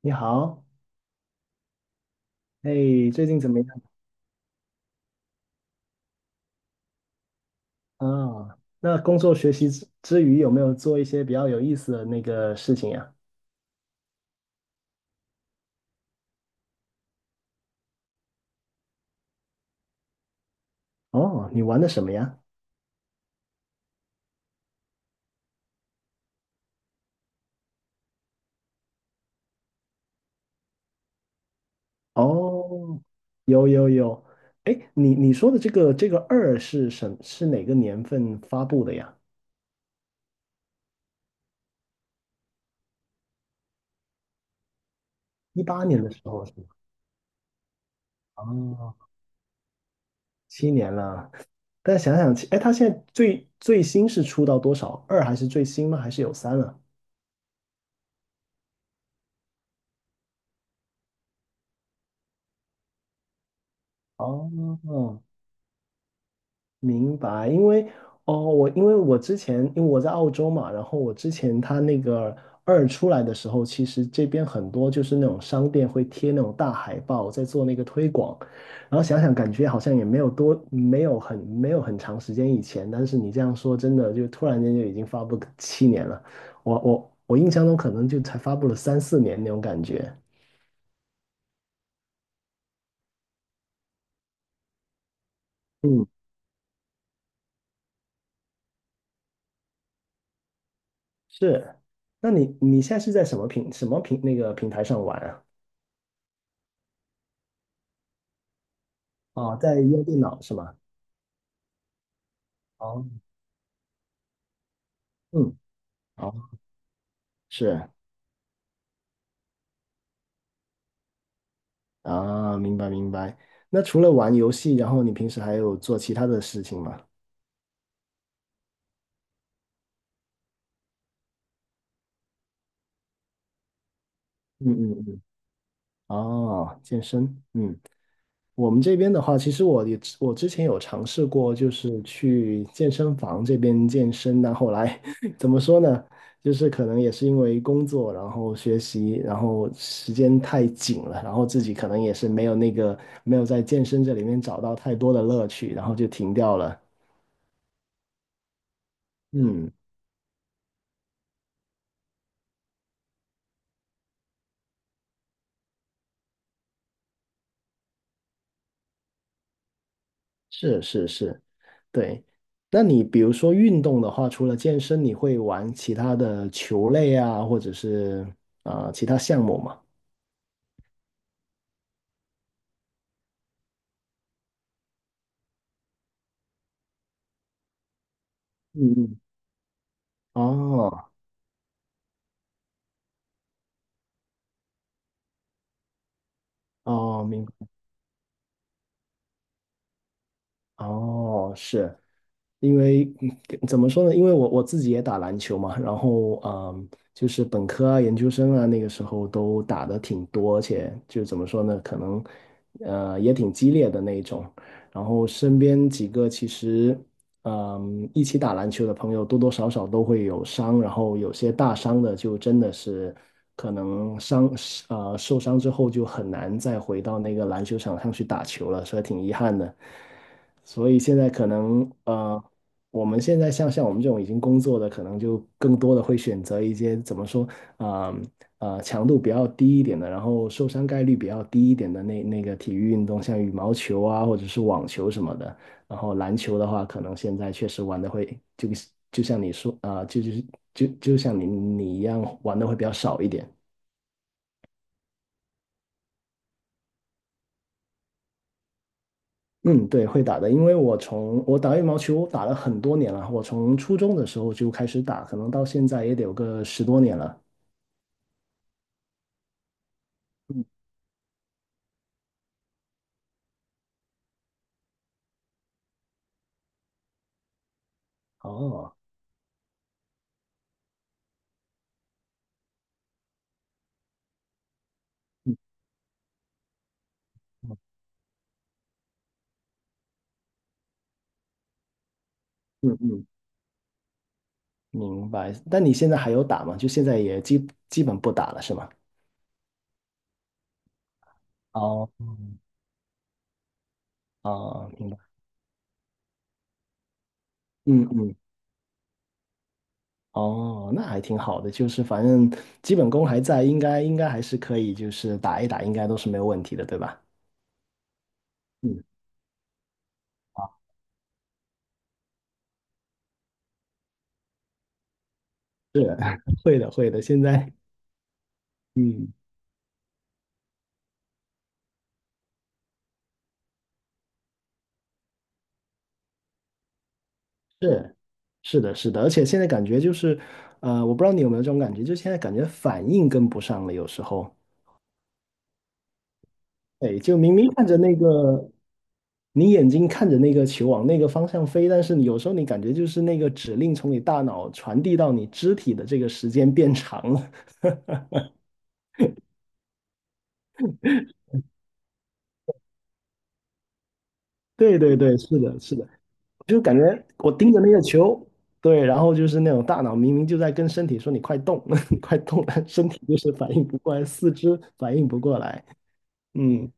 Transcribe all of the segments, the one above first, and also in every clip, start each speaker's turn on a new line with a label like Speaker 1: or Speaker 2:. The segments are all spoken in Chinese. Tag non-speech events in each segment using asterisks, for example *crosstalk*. Speaker 1: 你好，哎，最近怎么样啊？那工作学习之余，有没有做一些比较有意思的那个事情呀？哦，你玩的什么呀？哦，有有有，哎，你说的这个这个二是是哪个年份发布的呀？一八年的时候是吗？哦，七年了。但想想，哎，它现在最新是出到多少？二还是最新吗？还是有三了？哦，明白，哦，我因为我之前因为我在澳洲嘛，然后我之前他那个二出来的时候，其实这边很多就是那种商店会贴那种大海报在做那个推广，然后想想感觉好像也没有多没有很长时间以前，但是你这样说真的就突然间就已经发布个七年了，我印象中可能就才发布了三四年那种感觉。嗯，是，那你现在是在什么平什么平那个平台上玩啊？哦，在用电脑是吗？哦，嗯，哦，是啊，明白明白。那除了玩游戏，然后你平时还有做其他的事情吗？嗯嗯嗯。哦，健身，嗯，我们这边的话，其实我之前有尝试过，就是去健身房这边健身，但后来 *laughs* 怎么说呢？就是可能也是因为工作，然后学习，然后时间太紧了，然后自己可能也是没有在健身这里面找到太多的乐趣，然后就停掉了。嗯。是是是，对。那你比如说运动的话，除了健身，你会玩其他的球类啊，或者是其他项目吗？嗯嗯。哦哦，明白。哦，是因为嗯怎么说呢？因为我自己也打篮球嘛，然后嗯，就是本科啊、研究生啊，那个时候都打的挺多，而且就怎么说呢，可能也挺激烈的那一种。然后身边几个其实嗯一起打篮球的朋友，多多少少都会有伤，然后有些大伤的就真的是可能伤受伤之后就很难再回到那个篮球场上去打球了，所以挺遗憾的。所以现在可能我们现在像我们这种已经工作的，可能就更多的会选择一些怎么说，啊强度比较低一点的，然后受伤概率比较低一点的那个体育运动，像羽毛球啊，或者是网球什么的。然后篮球的话，可能现在确实玩的会像你说就就是就就像你一样玩的会比较少一点。嗯，对，会打的，因为我打羽毛球打了很多年了，我从初中的时候就开始打，可能到现在也得有个十多年了。嗯，哦，嗯嗯嗯，明白。但你现在还有打吗？就现在也基本不打了，是吗？哦，哦，明白。嗯嗯，哦，那还挺好的，就是反正基本功还在，应该还是可以，就是打一打，应该都是没有问题的，对吧？嗯，是，*laughs* 会的会的，现在嗯。是，是的，是的，而且现在感觉就是，我不知道你有没有这种感觉，就现在感觉反应跟不上了，有时候，对，就明明看着那个，你眼睛看着那个球往那个方向飞，但是你有时候你感觉就是那个指令从你大脑传递到你肢体的这个时间变长了。*laughs* 对对对，是的，是的，就感觉我盯着那个球，对，然后就是那种大脑明明就在跟身体说你快动，*laughs* 你快动，但身体就是反应不过来，四肢反应不过来，嗯。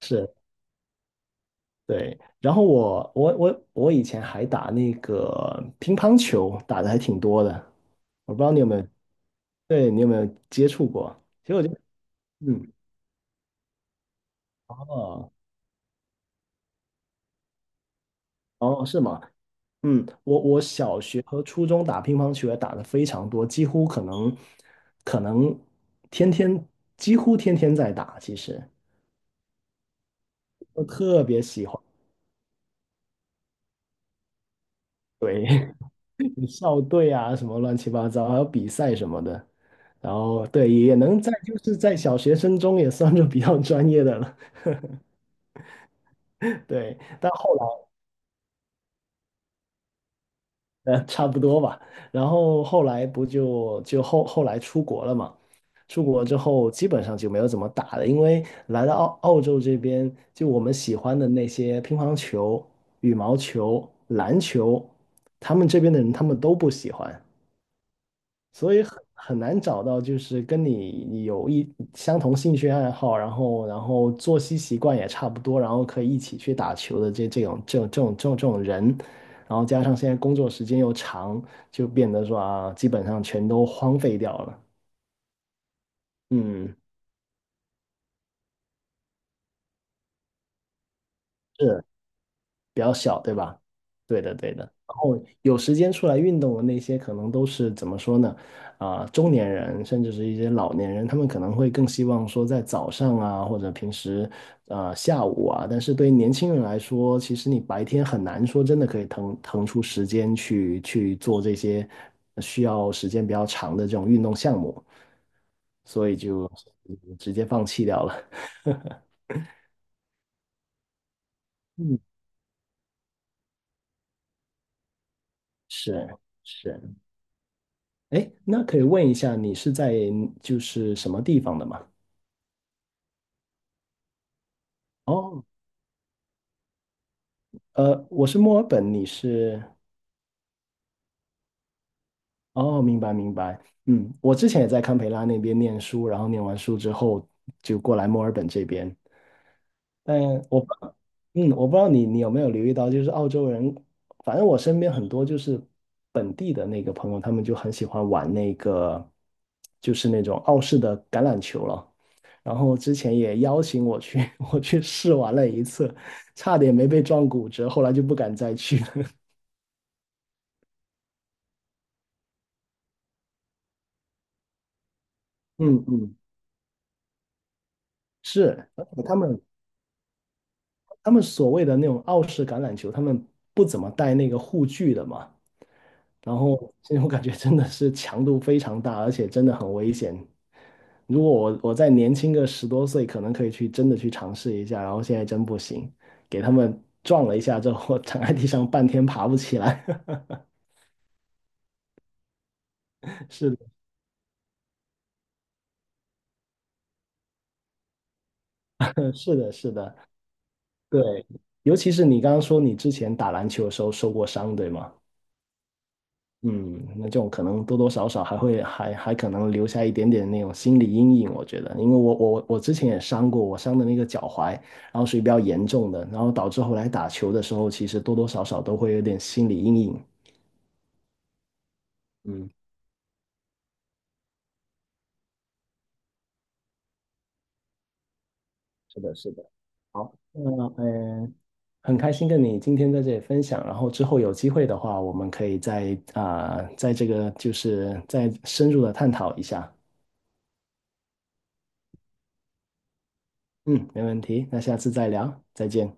Speaker 1: 是。对，然后我以前还打那个乒乓球，打的还挺多的。我不知道你有没有，对你有没有接触过？其实我就，嗯，哦哦，是吗？嗯，我我小学和初中打乒乓球也打的非常多，可能天天几乎天天在打，其实我特别喜欢。对。校队啊，什么乱七八糟，还有比赛什么的。然后对，也能在就是在小学生中也算是比较专业的了，*laughs* 对。但后来差不多吧，然后后来不就就后后来出国了嘛，出国之后基本上就没有怎么打了，因为来到澳洲这边，就我们喜欢的那些乒乓球、羽毛球、篮球，他们这边的人他们都不喜欢，所以很难找到就是跟你有一相同兴趣爱好，然后作息习惯也差不多，然后可以一起去打球的这种人，然后加上现在工作时间又长，就变得说啊，基本上全都荒废掉了。嗯，是，比较小，对吧？对的，对的。然后有时间出来运动的那些，可能都是怎么说呢？啊、中年人甚至是一些老年人，他们可能会更希望说在早上啊，或者平时下午啊。但是对于年轻人来说，其实你白天很难说真的可以腾出时间去去做这些需要时间比较长的这种运动项目，所以就直接放弃掉了。嗯，*laughs* 是是。哎，那可以问一下，你是在就是什么地方的吗？哦，我是墨尔本，你是？哦，明白明白。嗯，我之前也在堪培拉那边念书，然后念完书之后就过来墨尔本这边。但我不嗯，我不知道你有没有留意到，就是澳洲人，反正我身边很多就是本地的那个朋友，他们就很喜欢玩那个，就是那种澳式的橄榄球了。然后之前也邀请我去，*laughs* 我去试玩了一次，差点没被撞骨折，后来就不敢再去了。*laughs* 嗯嗯，是，而且他们所谓的那种澳式橄榄球，他们不怎么带那个护具的嘛。然后这种感觉真的是强度非常大，而且真的很危险。如果我再年轻个十多岁，可能可以去真的去尝试一下，然后现在真不行，给他们撞了一下之后，躺在地上半天爬不起来。*laughs* 是的，是的，是的，对，尤其是你刚刚说你之前打篮球的时候受过伤，对吗？嗯，那这种可能多多少少还还可能留下一点点那种心理阴影，我觉得，因为我我之前也伤过，我伤的那个脚踝，然后属于比较严重的，然后导致后来打球的时候，其实多多少少都会有点心理阴影。嗯，是的，是的。好，那很开心跟你今天在这里分享，然后之后有机会的话，我们可以再在这个就是再深入的探讨一下。嗯，没问题，那下次再聊，再见。